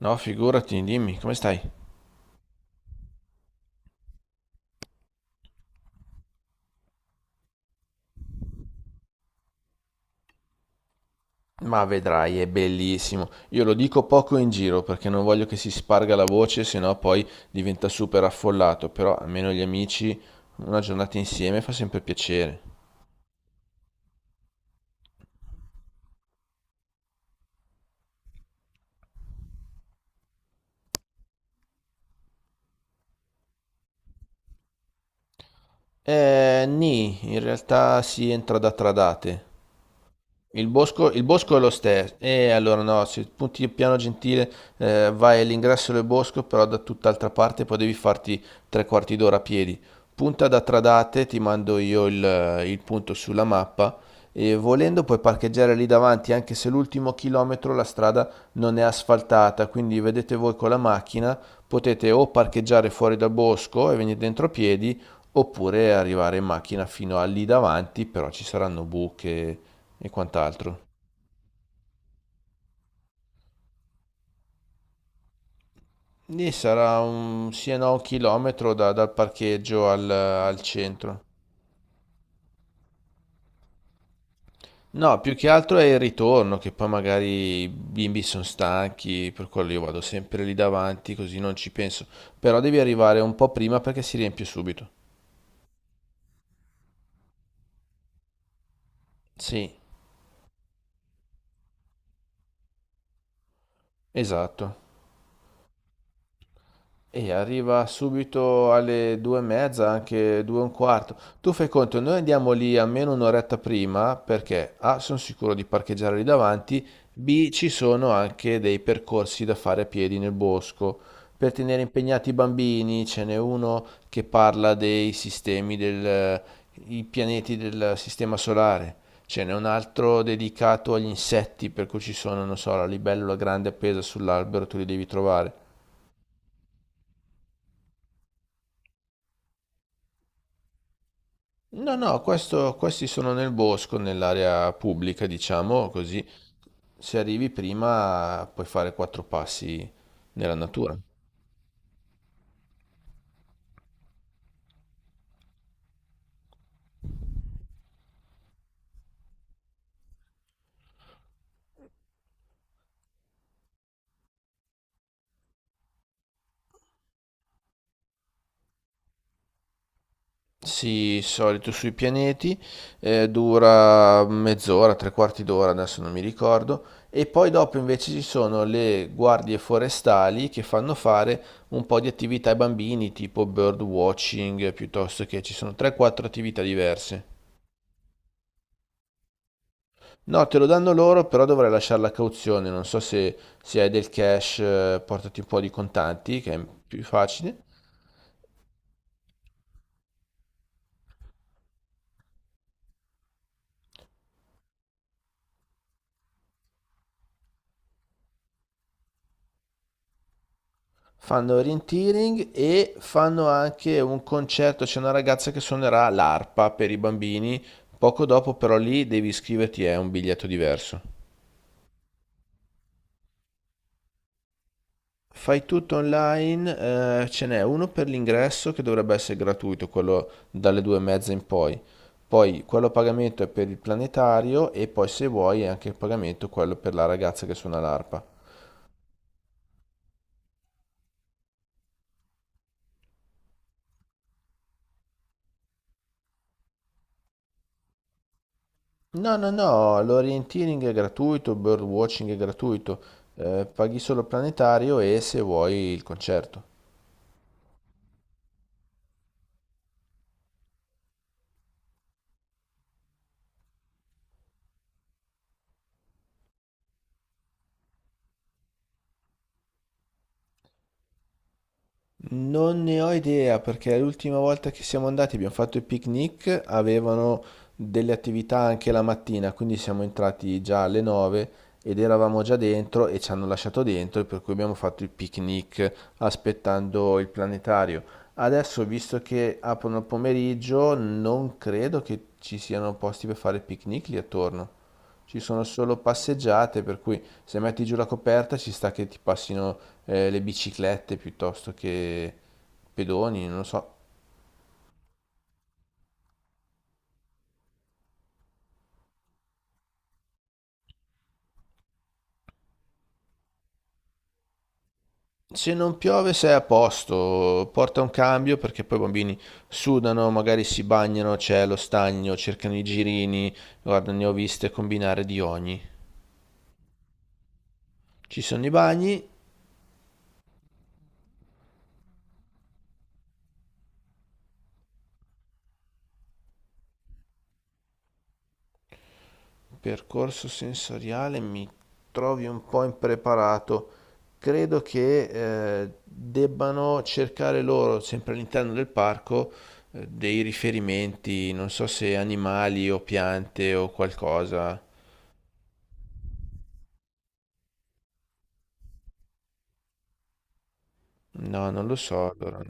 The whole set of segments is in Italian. No, figurati, dimmi, come stai? Ma vedrai, è bellissimo. Io lo dico poco in giro perché non voglio che si sparga la voce, sennò poi diventa super affollato, però almeno gli amici una giornata insieme fa sempre piacere. Nì, in realtà si entra da Tradate. Il bosco è lo stesso, e allora no, se punti Piano Gentile vai all'ingresso del bosco, però da tutt'altra parte, poi devi farti tre quarti d'ora a piedi. Punta da Tradate, ti mando io il punto sulla mappa, e volendo puoi parcheggiare lì davanti, anche se l'ultimo chilometro la strada non è asfaltata, quindi vedete voi con la macchina, potete o parcheggiare fuori dal bosco e venire dentro a piedi, oppure arrivare in macchina fino a lì davanti, però ci saranno buche e quant'altro. Lì sarà un sì e no un chilometro dal parcheggio al centro. No, più che altro è il ritorno, che poi magari i bimbi sono stanchi, per quello io vado sempre lì davanti, così non ci penso. Però devi arrivare un po' prima perché si riempie subito. Sì, esatto. E arriva subito alle due e mezza, anche due e un quarto. Tu fai conto, noi andiamo lì almeno un'oretta prima perché A, sono sicuro di parcheggiare lì davanti, B, ci sono anche dei percorsi da fare a piedi nel bosco. Per tenere impegnati i bambini ce n'è uno che parla i pianeti del sistema solare. Ce n'è un altro dedicato agli insetti, per cui ci sono, non so, la libellula grande appesa sull'albero, tu li devi trovare. No, no, questi sono nel bosco, nell'area pubblica, diciamo così. Se arrivi prima puoi fare quattro passi nella natura. Sì, solito sui pianeti, dura mezz'ora, tre quarti d'ora, adesso non mi ricordo. E poi dopo invece ci sono le guardie forestali che fanno fare un po' di attività ai bambini, tipo bird watching, piuttosto che ci sono 3-4 attività diverse. No, te lo danno loro, però dovrai lasciare la cauzione. Non so se hai del cash, portati un po' di contanti, che è più facile. Fanno orienteering e fanno anche un concerto. C'è una ragazza che suonerà l'arpa per i bambini. Poco dopo, però, lì devi iscriverti, è un biglietto diverso. Fai tutto online, ce n'è uno per l'ingresso che dovrebbe essere gratuito, quello dalle due e mezza in poi. Poi quello a pagamento è per il planetario e poi se vuoi è anche il pagamento quello per la ragazza che suona l'arpa. No, no, no, l'orienteering è gratuito, il birdwatching è gratuito, paghi solo il planetario e se vuoi il concerto. Non ne ho idea perché l'ultima volta che siamo andati abbiamo fatto il picnic, avevano delle attività anche la mattina, quindi siamo entrati già alle 9 ed eravamo già dentro e ci hanno lasciato dentro, per cui abbiamo fatto il picnic aspettando il planetario. Adesso, visto che aprono il pomeriggio, non credo che ci siano posti per fare il picnic lì attorno. Ci sono solo passeggiate, per cui se metti giù la coperta ci sta che ti passino le biciclette piuttosto che pedoni, non lo so. Se non piove sei a posto, porta un cambio perché poi i bambini sudano, magari si bagnano, c'è lo stagno, cercano i girini, guarda, ne ho viste combinare di ogni. Ci sono i bagni. Percorso sensoriale mi trovi un po' impreparato. Credo che debbano cercare loro, sempre all'interno del parco, dei riferimenti, non so se animali o piante o qualcosa. No, non lo so allora.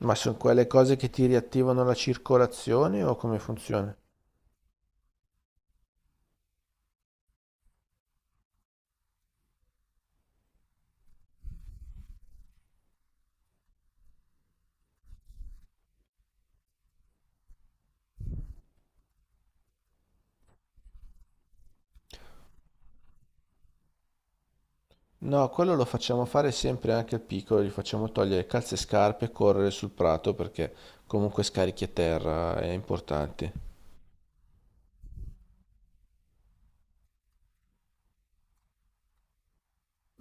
Ma sono quelle cose che ti riattivano la circolazione o come funziona? No, quello lo facciamo fare sempre anche al piccolo, gli facciamo togliere calze e scarpe e correre sul prato perché comunque scarichi a terra, è importante.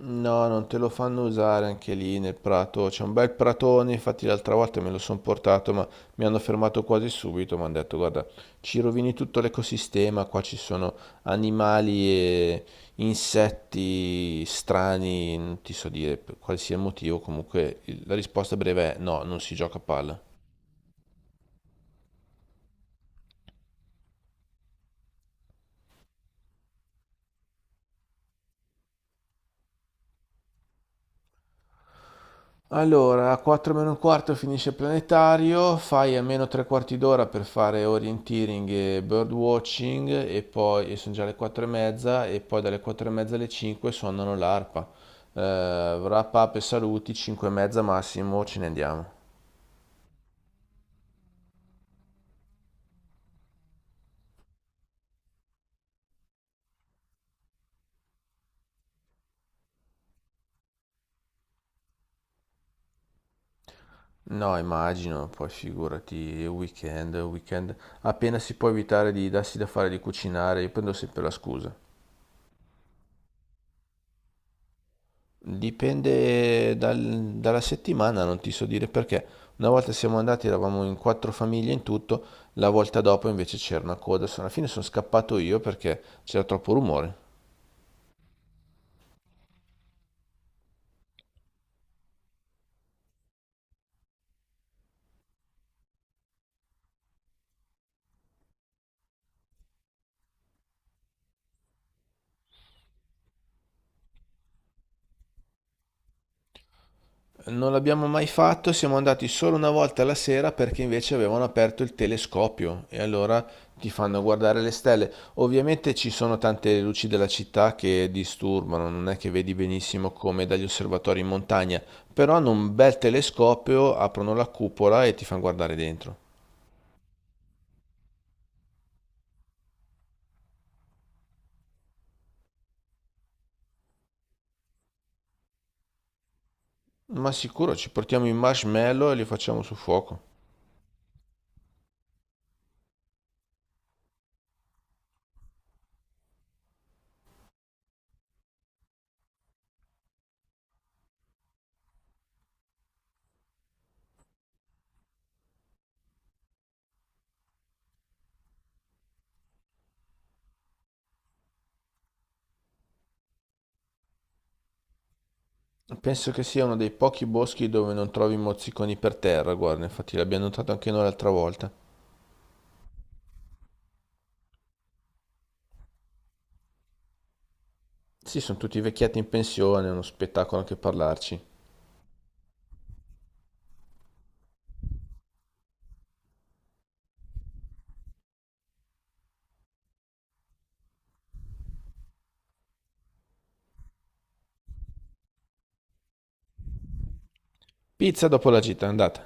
No, non te lo fanno usare anche lì nel prato. C'è un bel pratone, infatti l'altra volta me lo sono portato, ma mi hanno fermato quasi subito. Mi hanno detto, guarda, ci rovini tutto l'ecosistema, qua ci sono animali e insetti strani, non ti so dire per qualsiasi motivo. Comunque la risposta breve è no, non si gioca a palla. Allora, a 4 meno un quarto finisce il planetario, fai almeno tre quarti d'ora per fare orienteering e birdwatching e poi sono già le 4 e mezza e poi dalle 4 e mezza alle 5 suonano l'arpa. Wrap up e saluti, 5 e mezza massimo, ce ne andiamo. No, immagino, poi figurati, weekend, weekend, appena si può evitare di darsi da fare di cucinare, io prendo sempre la scusa. Dipende dalla settimana, non ti so dire perché. Una volta siamo andati, eravamo in quattro famiglie in tutto, la volta dopo invece c'era una coda. Alla fine sono scappato io perché c'era troppo rumore. Non l'abbiamo mai fatto, siamo andati solo una volta la sera perché invece avevano aperto il telescopio e allora ti fanno guardare le stelle. Ovviamente ci sono tante luci della città che disturbano, non è che vedi benissimo come dagli osservatori in montagna, però hanno un bel telescopio, aprono la cupola e ti fanno guardare dentro. Ma sicuro ci portiamo i marshmallow e li facciamo sul fuoco. Penso che sia uno dei pochi boschi dove non trovi mozziconi per terra, guarda, infatti l'abbiamo notato anche noi l'altra volta. Sì, sono tutti vecchietti in pensione, è uno spettacolo anche parlarci. Pizza dopo la gita, andata.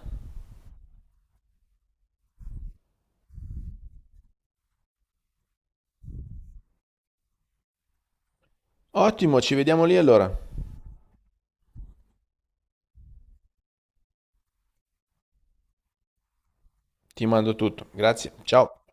Ottimo, ci vediamo lì allora. Ti mando tutto. Grazie, ciao.